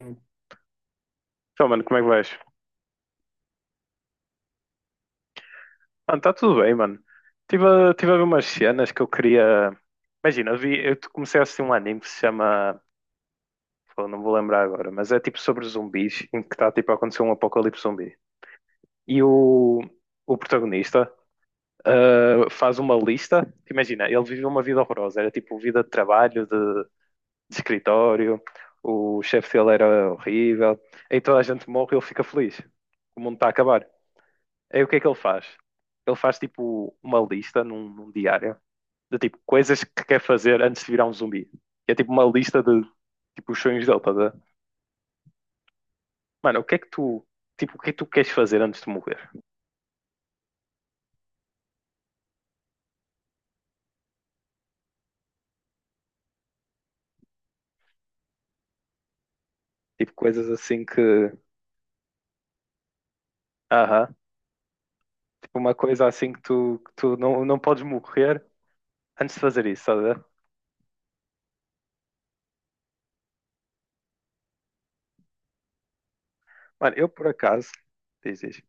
Então, mano, como é que vais? Mano, está tudo bem, mano. Tive a ver umas cenas que eu queria. Imagina, eu comecei a assistir um anime que se chama. Pô, não vou lembrar agora, mas é tipo sobre zumbis, em que está tipo a acontecer um apocalipse zumbi. E o protagonista faz uma lista. Imagina, ele viveu uma vida horrorosa. Era tipo vida de trabalho, de escritório. O chefe dele era horrível. Aí toda a gente morre e ele fica feliz. O mundo está a acabar. Aí o que é que ele faz? Ele faz tipo uma lista num diário de tipo coisas que quer fazer antes de virar um zumbi. E é tipo uma lista de tipo os sonhos dele, tá a ver? Mano, o que é que tu, tipo, o que é que tu queres fazer antes de morrer? Tipo coisas assim que, aham, tipo uma coisa assim que tu não podes morrer antes de fazer isso, tá a ver? Mano, eu por acaso, diz, diz.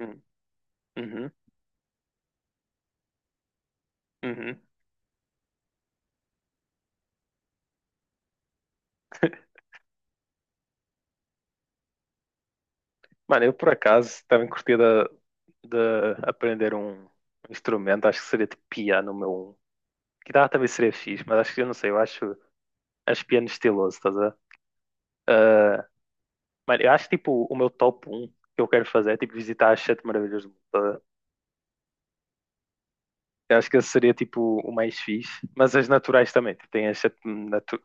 Hum, Uhum, uhum. Mano, eu por acaso também curtia de aprender um instrumento, acho que seria de piano, o meu. Um. Guitarra também seria fixe, mas acho que eu não sei, eu acho piano estiloso, estás a ver? Ah, mano, eu acho que tipo o meu top um que eu quero fazer é tipo visitar as sete maravilhas do mundo, estás a ver? Eu acho que esse seria tipo o mais fixe, mas as naturais também, tipo, tem as sete, natu-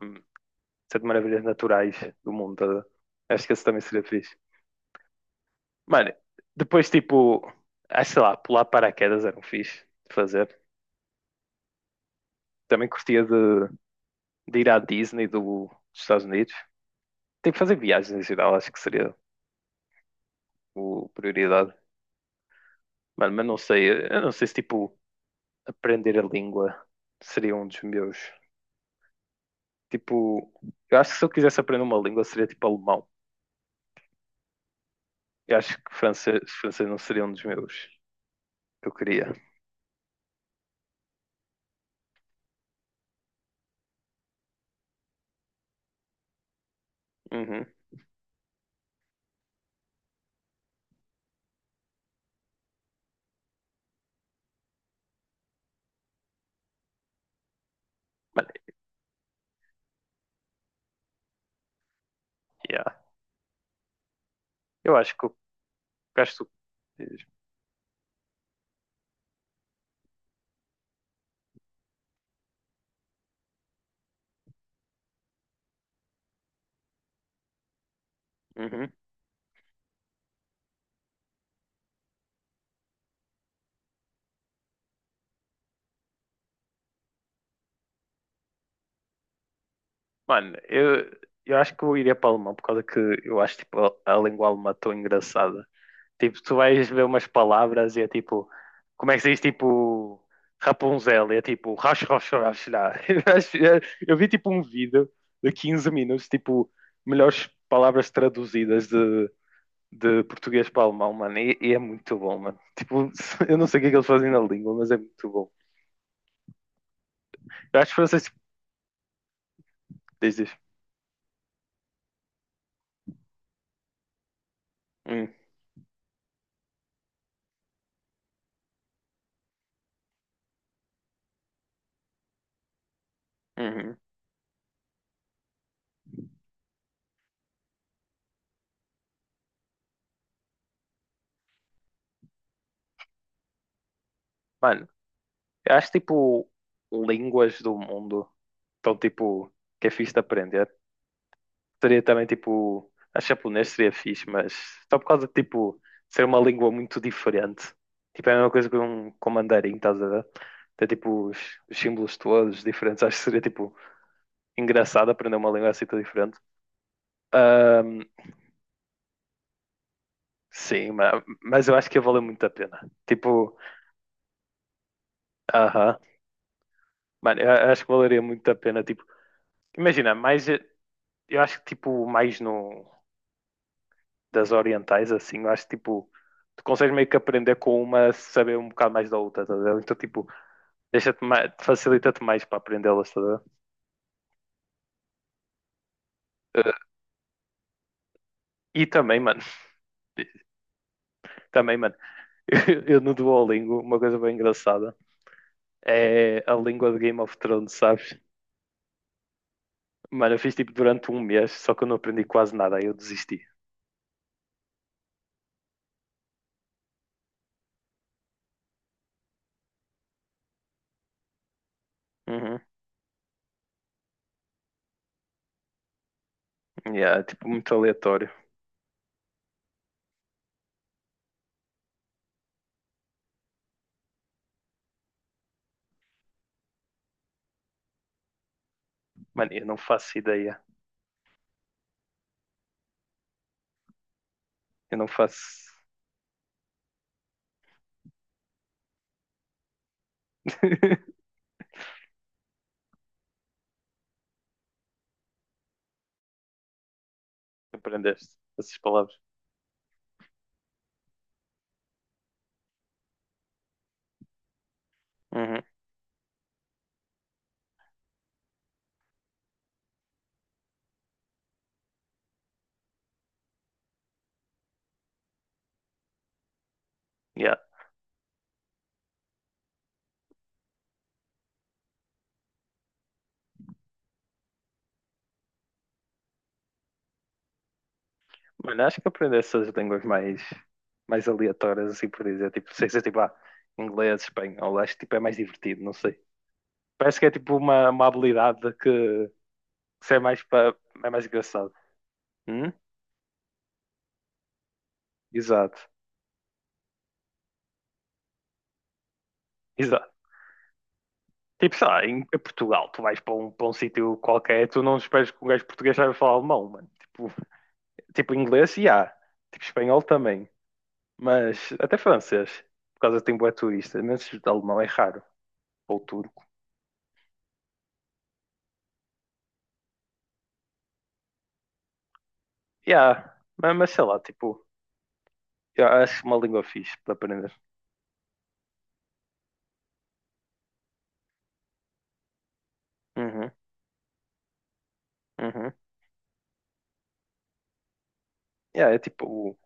sete maravilhas naturais do mundo, estás a ver? Acho que esse também seria fixe. Mano, depois tipo, acho sei lá, pular paraquedas era um fixe de fazer. Também curtia de ir à Disney dos Estados Unidos. Tipo, fazer viagens em geral, acho que seria o prioridade. Mano, mas não sei, eu não sei se tipo aprender a língua seria um dos meus. Tipo, eu acho que se eu quisesse aprender uma língua seria tipo alemão. Eu acho que francês não seria um dos meus que eu queria. Uhum. Mano, yeah. Eu acho que eu gasto. Uhum. Mano, eu acho que eu iria para o alemão por causa que eu acho tipo a língua alemã tão engraçada. Tipo, tu vais ver umas palavras e é tipo, como é que se diz, tipo, Rapunzel, e é tipo, rash, rash, rash, lá. Eu vi tipo um vídeo de 15 minutos, tipo, melhores palavras traduzidas de português para alemão, mano, e é muito bom, mano. Tipo, eu não sei o que é que eles fazem na língua, mas é muito bom. Eu acho que vocês dizem, hum, uhum. Mano, eu acho tipo, línguas do mundo estão tipo, que é fixe de aprender. Seria também tipo. Acho que japonês seria fixe, mas só por causa de tipo ser uma língua muito diferente. Tipo, é a mesma coisa que um com mandarim, estás a ver? Tem tipo os símbolos todos diferentes. Acho que seria tipo engraçado aprender uma língua assim tão diferente. Ahm, sim, mas eu acho que ia valer muito a pena. Tipo, aham. Mano, eu acho que valeria muito a pena. Tipo, imagina, mais. Eu acho que tipo mais no. Das orientais, assim, eu acho que tipo, tu consegues meio que aprender com uma, saber um bocado mais da outra, tá a ver? Então, tipo, deixa-te mais, facilita-te mais para aprendê-las, tá a ver? Eh, E também, mano, também, mano, eu no Duolingo, uma coisa bem engraçada é a língua de Game of Thrones, sabes? Mano, eu fiz tipo durante um mês, só que eu não aprendi quase nada, aí eu desisti. Uhum. Yeah, é, tipo, muito aleatório. Mano, eu não faço ideia. Eu não faço. Aprendeste essas palavras. Uhum. Yeah. Mano, acho que aprender essas línguas mais aleatórias, assim por dizer, tipo, sei se é tipo, ah, inglês, espanhol, acho que tipo, é mais divertido, não sei. Parece que é tipo uma habilidade que se é mais para, é mais engraçado. Hum? Exato, exato. Tipo, sei lá, em Portugal, tu vais para um sítio qualquer, tu não esperas que um gajo português saiba falar alemão, mano. Tipo, tipo inglês, e há. Tipo, espanhol também. Mas até francês, por causa de tem bué turista, mas alemão é raro. Ou turco. E há. Mas sei lá, tipo. Eu acho uma língua fixe para aprender. Uhum, uhum. Yeah, é tipo,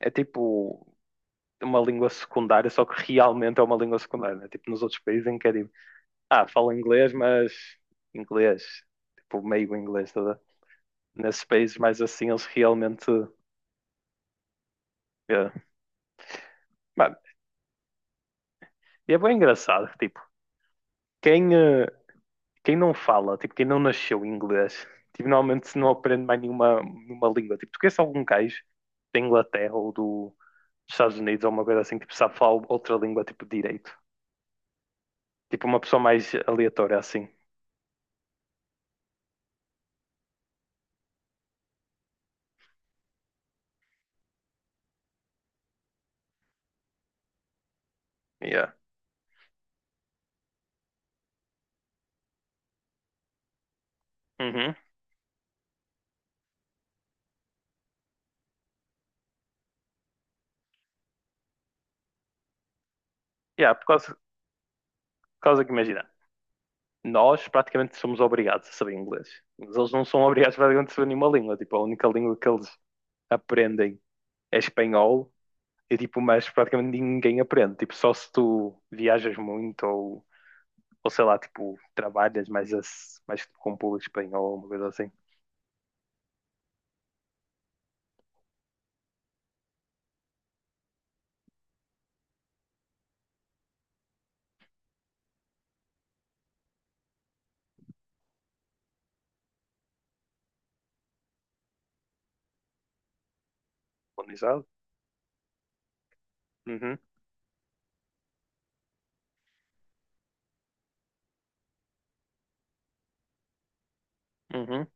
é tipo uma língua secundária, só que realmente é uma língua secundária, né? Tipo nos outros países em que é tipo, ah, falo inglês, mas inglês, tipo meio inglês, toda. Nesses países mais assim, eles realmente. Yeah. Mano, e é bem engraçado, tipo, quem, eh, quem não fala, tipo, quem não nasceu em inglês, tipo, normalmente se não aprende mais nenhuma língua. Tipo, tu conheces algum gajo da Inglaterra ou dos Estados Unidos ou uma coisa assim que tipo, sabe falar outra língua, tipo, direito? Tipo, uma pessoa mais aleatória, assim. Yeah. Uhum. Yeah, por causa que, imagina, nós praticamente somos obrigados a saber inglês. Mas eles não são obrigados praticamente a saber nenhuma língua. Tipo, a única língua que eles aprendem é espanhol. E, tipo, mas praticamente ninguém aprende. Tipo, só se tu viajas muito ou sei lá, tipo, trabalhas mais com público espanhol, uma coisa assim. Colonizado? Uhum, uhum,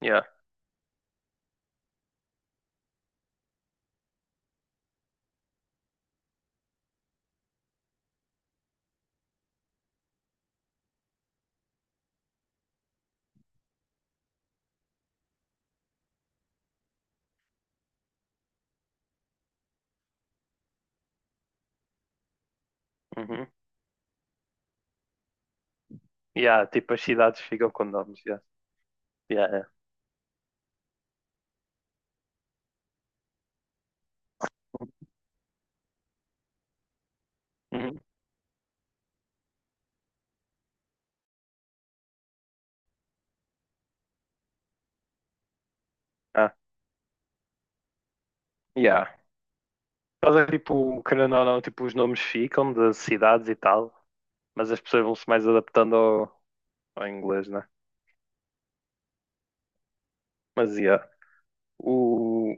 yeah, uhum. Yeah, tipo, as cidades ficam com nomes, yeah. Yeah, yeah. Uhum. Ah, yeah. Mas é tipo, querendo ou não, tipo, os nomes ficam das cidades e tal, mas as pessoas vão-se mais adaptando ao inglês, né? Mas yeah. O.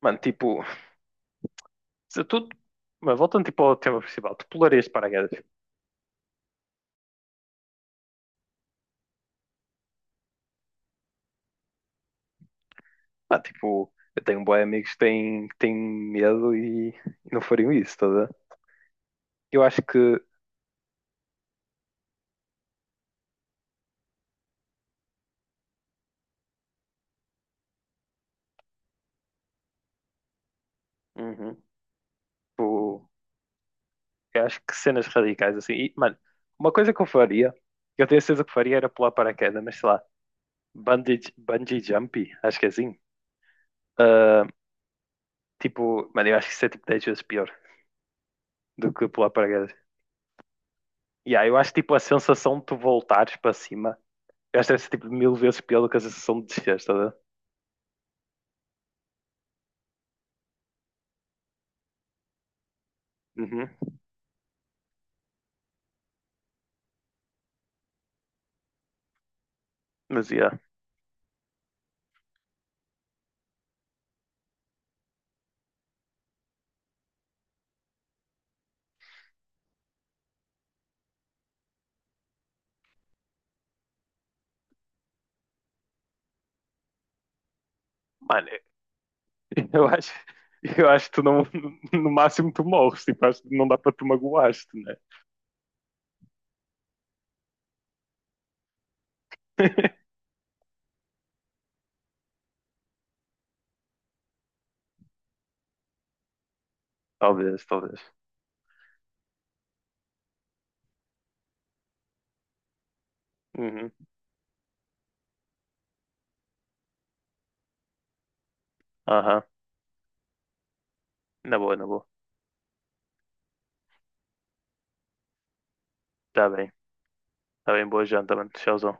Mano, tipo, se tu. Mas voltando tipo ao tema principal, tu pularias de paraquedas. Ah, tipo, eu tenho bué amigos que têm medo e não fariam isso, estás a ver? Eu acho que, uhum, tipo, eu acho que cenas radicais assim. E, mano, uma coisa que eu faria, que eu tenho certeza que faria era pular paraquedas, mas sei lá, bungee jumping, acho que é assim. Ah, tipo, mano, eu acho que isso é tipo 10 vezes pior do que pular paraquedas. E aí eu acho tipo a sensação de tu voltares para cima, eu acho que deve ser tipo 1000 vezes pior do que a sensação de descer, estás a ver? Uhum, mas yeah. Mano, Eu acho, eu acho que tu não, no máximo tu morres, tipo, acho que não dá para tu magoaste, né? Talvez, talvez. Uhum. Aham. Na boa, na boa. Tá bem. Tá bem, boa janta, mano. Tchauzão.